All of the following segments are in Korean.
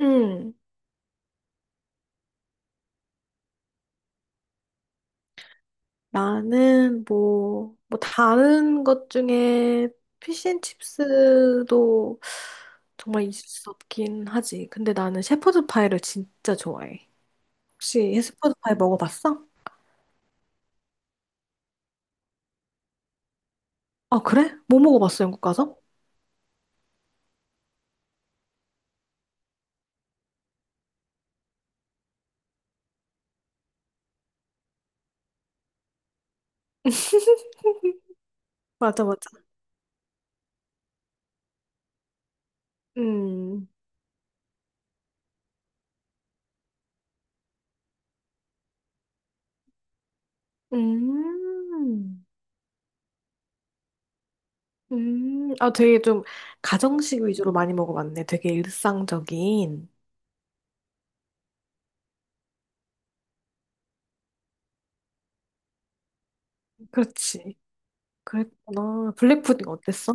응, 나는 뭐 다른 것 중에 피쉬앤칩스도 정말 있을 수 없긴 하지. 근데 나는 shepherd's pie를 진짜 좋아해. 혹시 shepherd's pie 먹어봤어? 아, 그래? 뭐 먹어봤어, 영국 가서? 맞아, 맞아. 음, 음, 아, 되게 좀 가정식 위주로 많이 먹어봤네. 되게 일상적인. 그렇지. 그랬구나. 블랙푸딩 어땠어?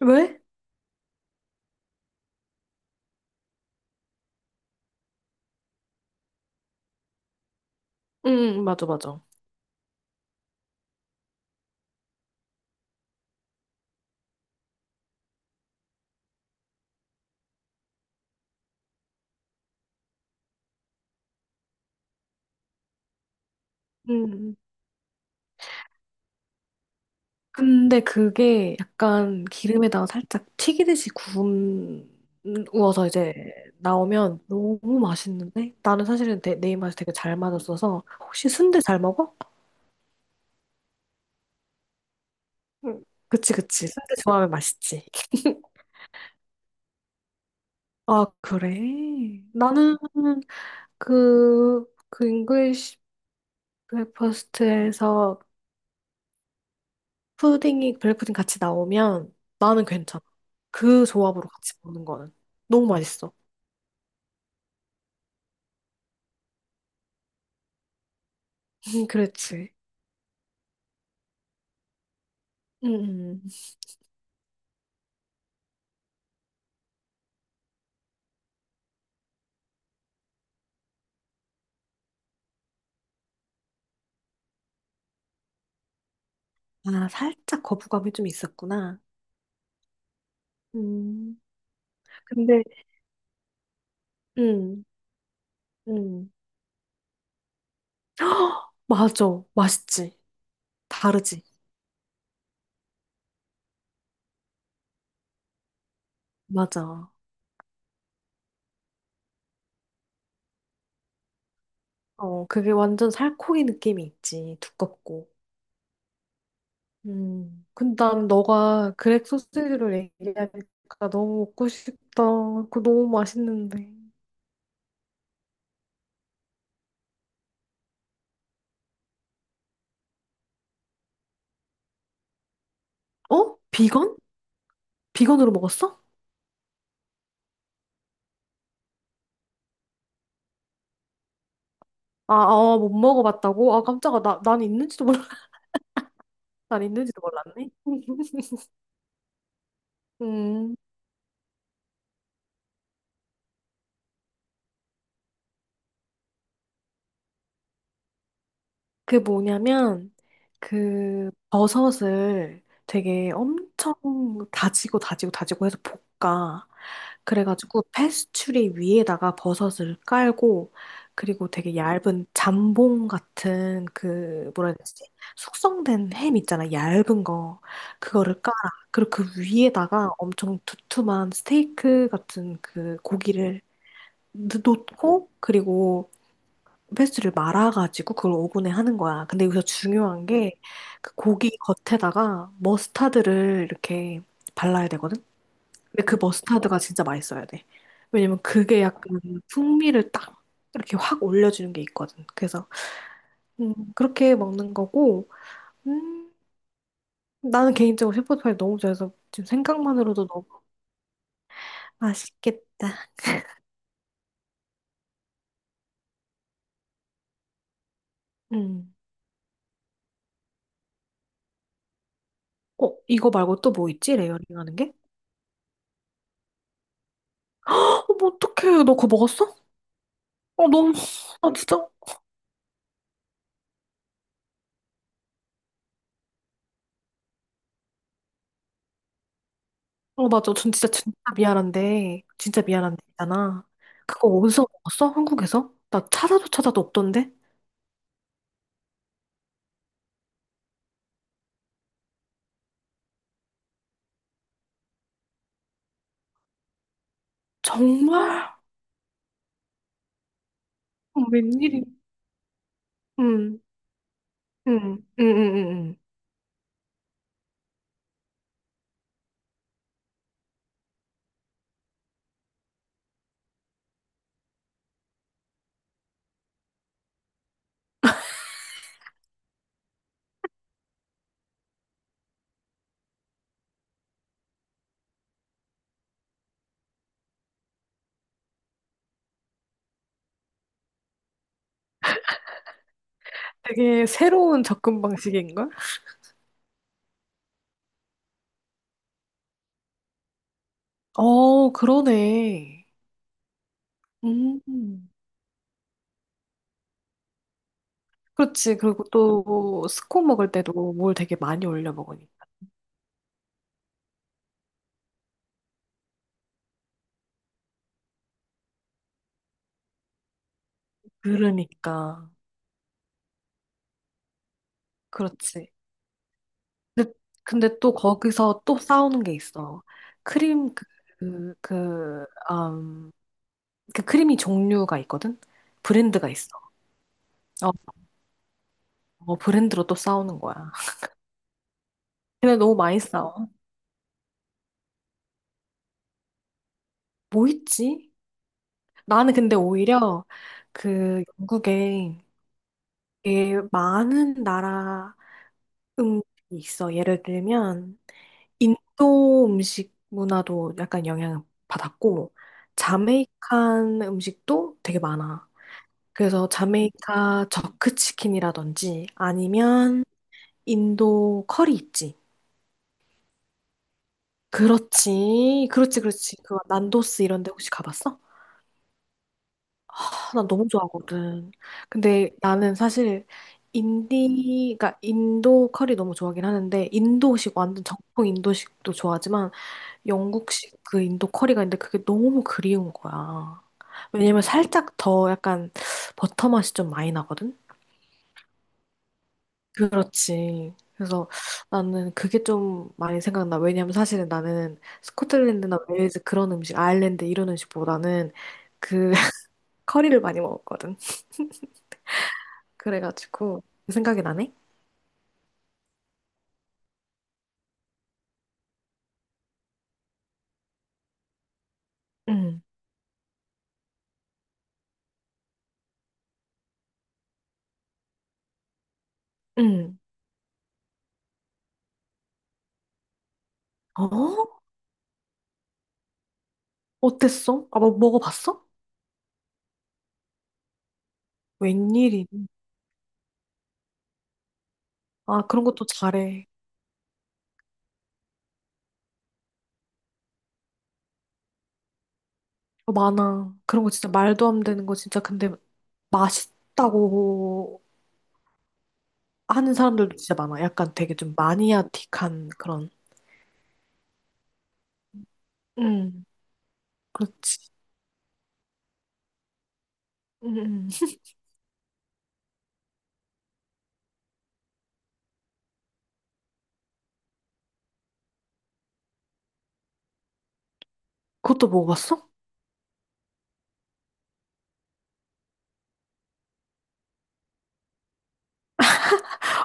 왜? 응, 응, 맞아, 맞아. 음. 근데 그게 약간 기름에다가 살짝 튀기듯이 구워서 이제 나오면 너무 맛있는데 나는 사실은 내 입맛이 되게 잘 맞았어서 혹시 순대 잘 먹어? 응. 그치 그치 순대 좋아하면 맛있지. 아 그래? 나는 그그 잉글리시 브레이퍼스트에서 푸딩이 블랙푸딩 같이 나오면 나는 괜찮아. 그 조합으로 같이 먹는 거는 너무 맛있어. 그렇지. 음, 음. 아, 살짝 거부감이 좀 있었구나. 음, 근데 음, 음. 맞아. 맛있지. 다르지. 맞아. 어, 그게 완전 살코기 느낌이 있지. 두껍고. 음. 근데 난 너가 그렉 소시지를 얘기하니까 너무 먹고 싶다. 그거 너무 맛있는데. 어? 비건? 비건으로 먹었어? 아, 아, 못 먹어봤다고? 아, 깜짝아. 나, 난 있는지도 몰라. 난 있는지도 몰랐네. 음. 그 뭐냐면 그 버섯을 되게 엄청 다지고 다지고 다지고 해서 볶아. 그래가지고 패스츄리 위에다가 버섯을 깔고 그리고 되게 얇은 잠봉 같은 그 뭐라 해야 되지? 숙성된 햄 있잖아. 얇은 거. 그거를 깔아. 그리고 그 위에다가 엄청 두툼한 스테이크 같은 그 고기를 놓고 그리고 페스트를 말아가지고 그걸 오븐에 하는 거야. 근데 여기서 중요한 게 그 고기 겉에다가 머스타드를 이렇게 발라야 되거든. 근데 그 머스타드가 진짜 맛있어야 돼. 왜냐면 그게 약간 풍미를 딱 이렇게 확 올려주는 게 있거든. 그래서 그렇게 먹는 거고 음, 나는 개인적으로 셰프파이 너무 좋아해서 지금 생각만으로도 너무 맛있겠다. 음. 어, 이거 말고 또 뭐 있지? 레이어링 하는 게? 어, 뭐 어떡해. 너 그거 먹었어? 어, 너무, 아, 진짜? 어, 맞아. 전 진짜 진짜 미안한데, 진짜 미안한데 있잖아. 그거 어디서 먹었어? 한국에서? 나 찾아도 찾아도 없던데? 정말? 어, 웬일이? 응, 응, 응, 응, 응. 응. 되게 새로운 접근 방식인걸? 어, 그러네. 음, 그렇지. 그리고 또 스콘 먹을 때도 뭘 되게 많이 올려 먹으니까. 그러니까. 그렇지. 근데, 근데 또 거기서 또 싸우는 게 있어. 크림 그, 그, 음. 그 크림이 종류가 있거든? 브랜드가 있어. 어, 어, 브랜드로 또 싸우는 거야. 근데 너무 많이 싸워. 뭐 있지? 나는 근데 오히려 그 영국에 되게 많은 나라 음식이 있어. 예를 들면 인도 음식 문화도 약간 영향을 받았고 자메이칸 음식도 되게 많아. 그래서 자메이카 저크 치킨이라든지 아니면 인도 커리 있지. 그렇지. 그렇지, 그렇지. 그 난도스 이런 데 혹시 가봤어? 아, 난 너무 좋아하거든. 근데 나는 사실 인디, 가 인도 커리 너무 좋아하긴 하는데, 인도식, 완전 정통 인도식도 좋아하지만, 영국식 그 인도 커리가 있는데 그게 너무 그리운 거야. 왜냐면 살짝 더 약간 버터 맛이 좀 많이 나거든? 그렇지. 그래서 나는 그게 좀 많이 생각나. 왜냐면 사실은 나는 스코틀랜드나 웨일즈 그런 음식, 아일랜드 이런 음식보다는 그 커리를 많이 먹었거든. 그래가지고 그 생각이 나네? 응, 응. 어? 어땠어? 아, 뭐 먹어봤어? 웬일이? 아, 그런 것도 잘해. 어, 많아. 그런 거 진짜 말도 안 되는 거 진짜 근데 맛있다고 하는 사람들도 진짜 많아. 약간 되게 좀 마니아틱한 그런. 응, 그렇지. 응. 응. 그것도 먹어봤어?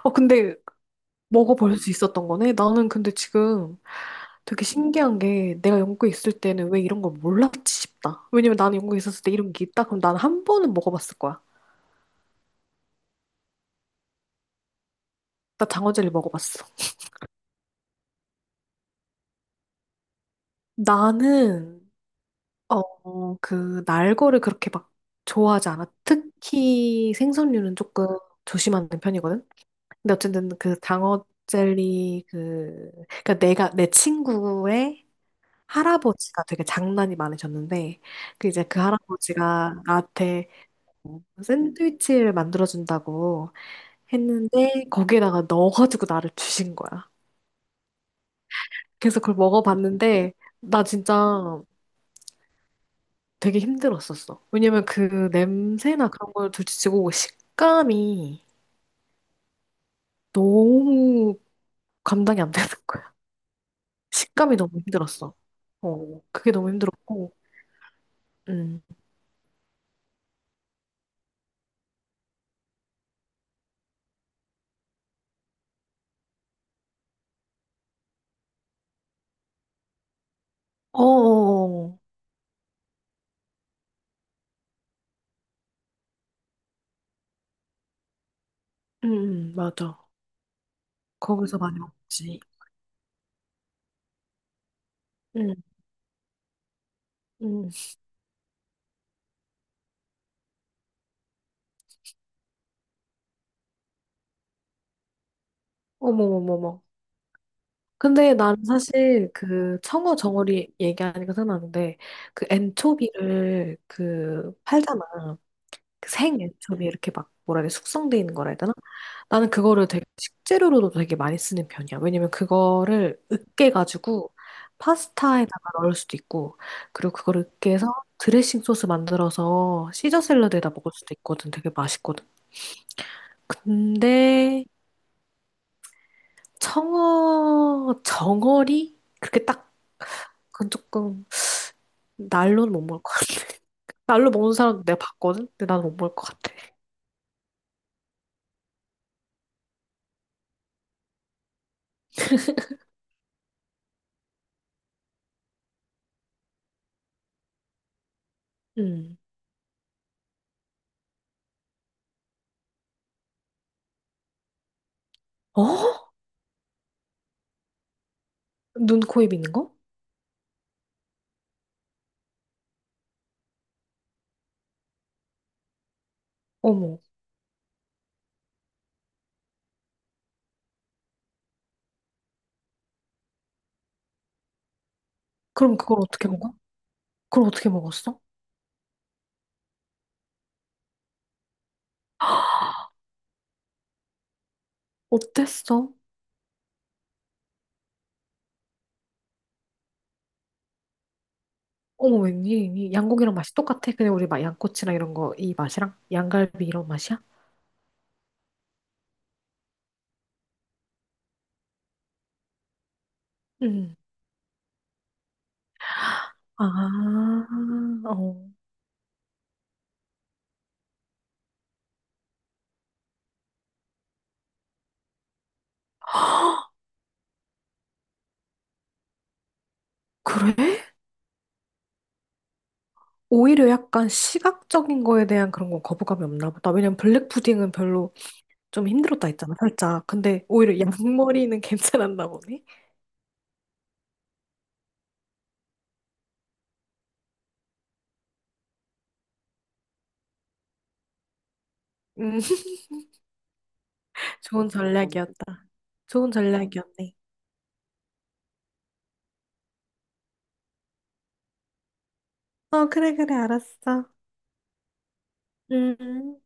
어, 근데 먹어볼 수 있었던 거네? 나는 근데 지금 되게 신기한 게 내가 영국에 있을 때는 왜 이런 걸 몰랐지 싶다. 왜냐면 나는 영국에 있었을 때 이런 게 있다? 그럼 나는 한 번은 먹어봤을 거야. 나 장어젤리 먹어봤어. 나는, 어, 그, 날거를 그렇게 막 좋아하지 않아. 특히 생선류는 조금 조심하는 편이거든? 근데 어쨌든 그 장어젤리 그, 그니까 내가, 내 친구의 할아버지가 되게 장난이 많으셨는데 그 이제 그 할아버지가 나한테 뭐 샌드위치를 만들어준다고 했는데 거기에다가 넣어가지고 나를 주신 거야. 그래서 그걸 먹어봤는데 나 진짜 되게 힘들었었어. 왜냐면 그 냄새나 그런 걸 둘째치고 식감이 너무 감당이 안 되는 거야. 식감이 너무 힘들었어. 어, 그게 너무 힘들었고, 음. 어어어, 맞아. 거기서 많이 먹지. 응, 응. 어머머머머. 근데 나는 사실 그 청어 정어리 얘기하니까 생각나는데 그 엔초비를 그 팔잖아. 그 생 엔초비 이렇게 막 뭐라 해야 돼 숙성돼 있는 거라 해야 되나? 나는 그거를 되게 식재료로도 되게 많이 쓰는 편이야. 왜냐면 그거를 으깨가지고 파스타에다가 넣을 수도 있고 그리고 그걸 으깨서 드레싱 소스 만들어서 시저 샐러드에다 먹을 수도 있거든. 되게 맛있거든. 근데 청어, 정어리? 그렇게 딱, 그건 조금, 날로는 못 먹을 것 같아. 날로 먹는 사람 내가 봤거든? 근데 나는 못 먹을 것 같아. 음. 어? 눈, 코, 입 있는 거? 어머. 그럼 그걸 어떻게 먹어? 그걸 어떻게 먹었어? 어땠어? 어머, 웬일이니? 양고기랑 맛이 똑같아? 그냥 우리 막 양꼬치랑 이런 거, 이 맛이랑? 양갈비 이런 맛이야? 음. 아, 어. 그래? 오히려 약간 시각적인 거에 대한 그런 건 거부감이 없나 보다. 왜냐면 블랙푸딩은 별로 좀 힘들었다 했잖아, 살짝. 근데 오히려 양머리는 괜찮았나 보네. 음, 좋은 전략이었다. 좋은 전략이었네. 어, 그래, 그래, 알았어. 음.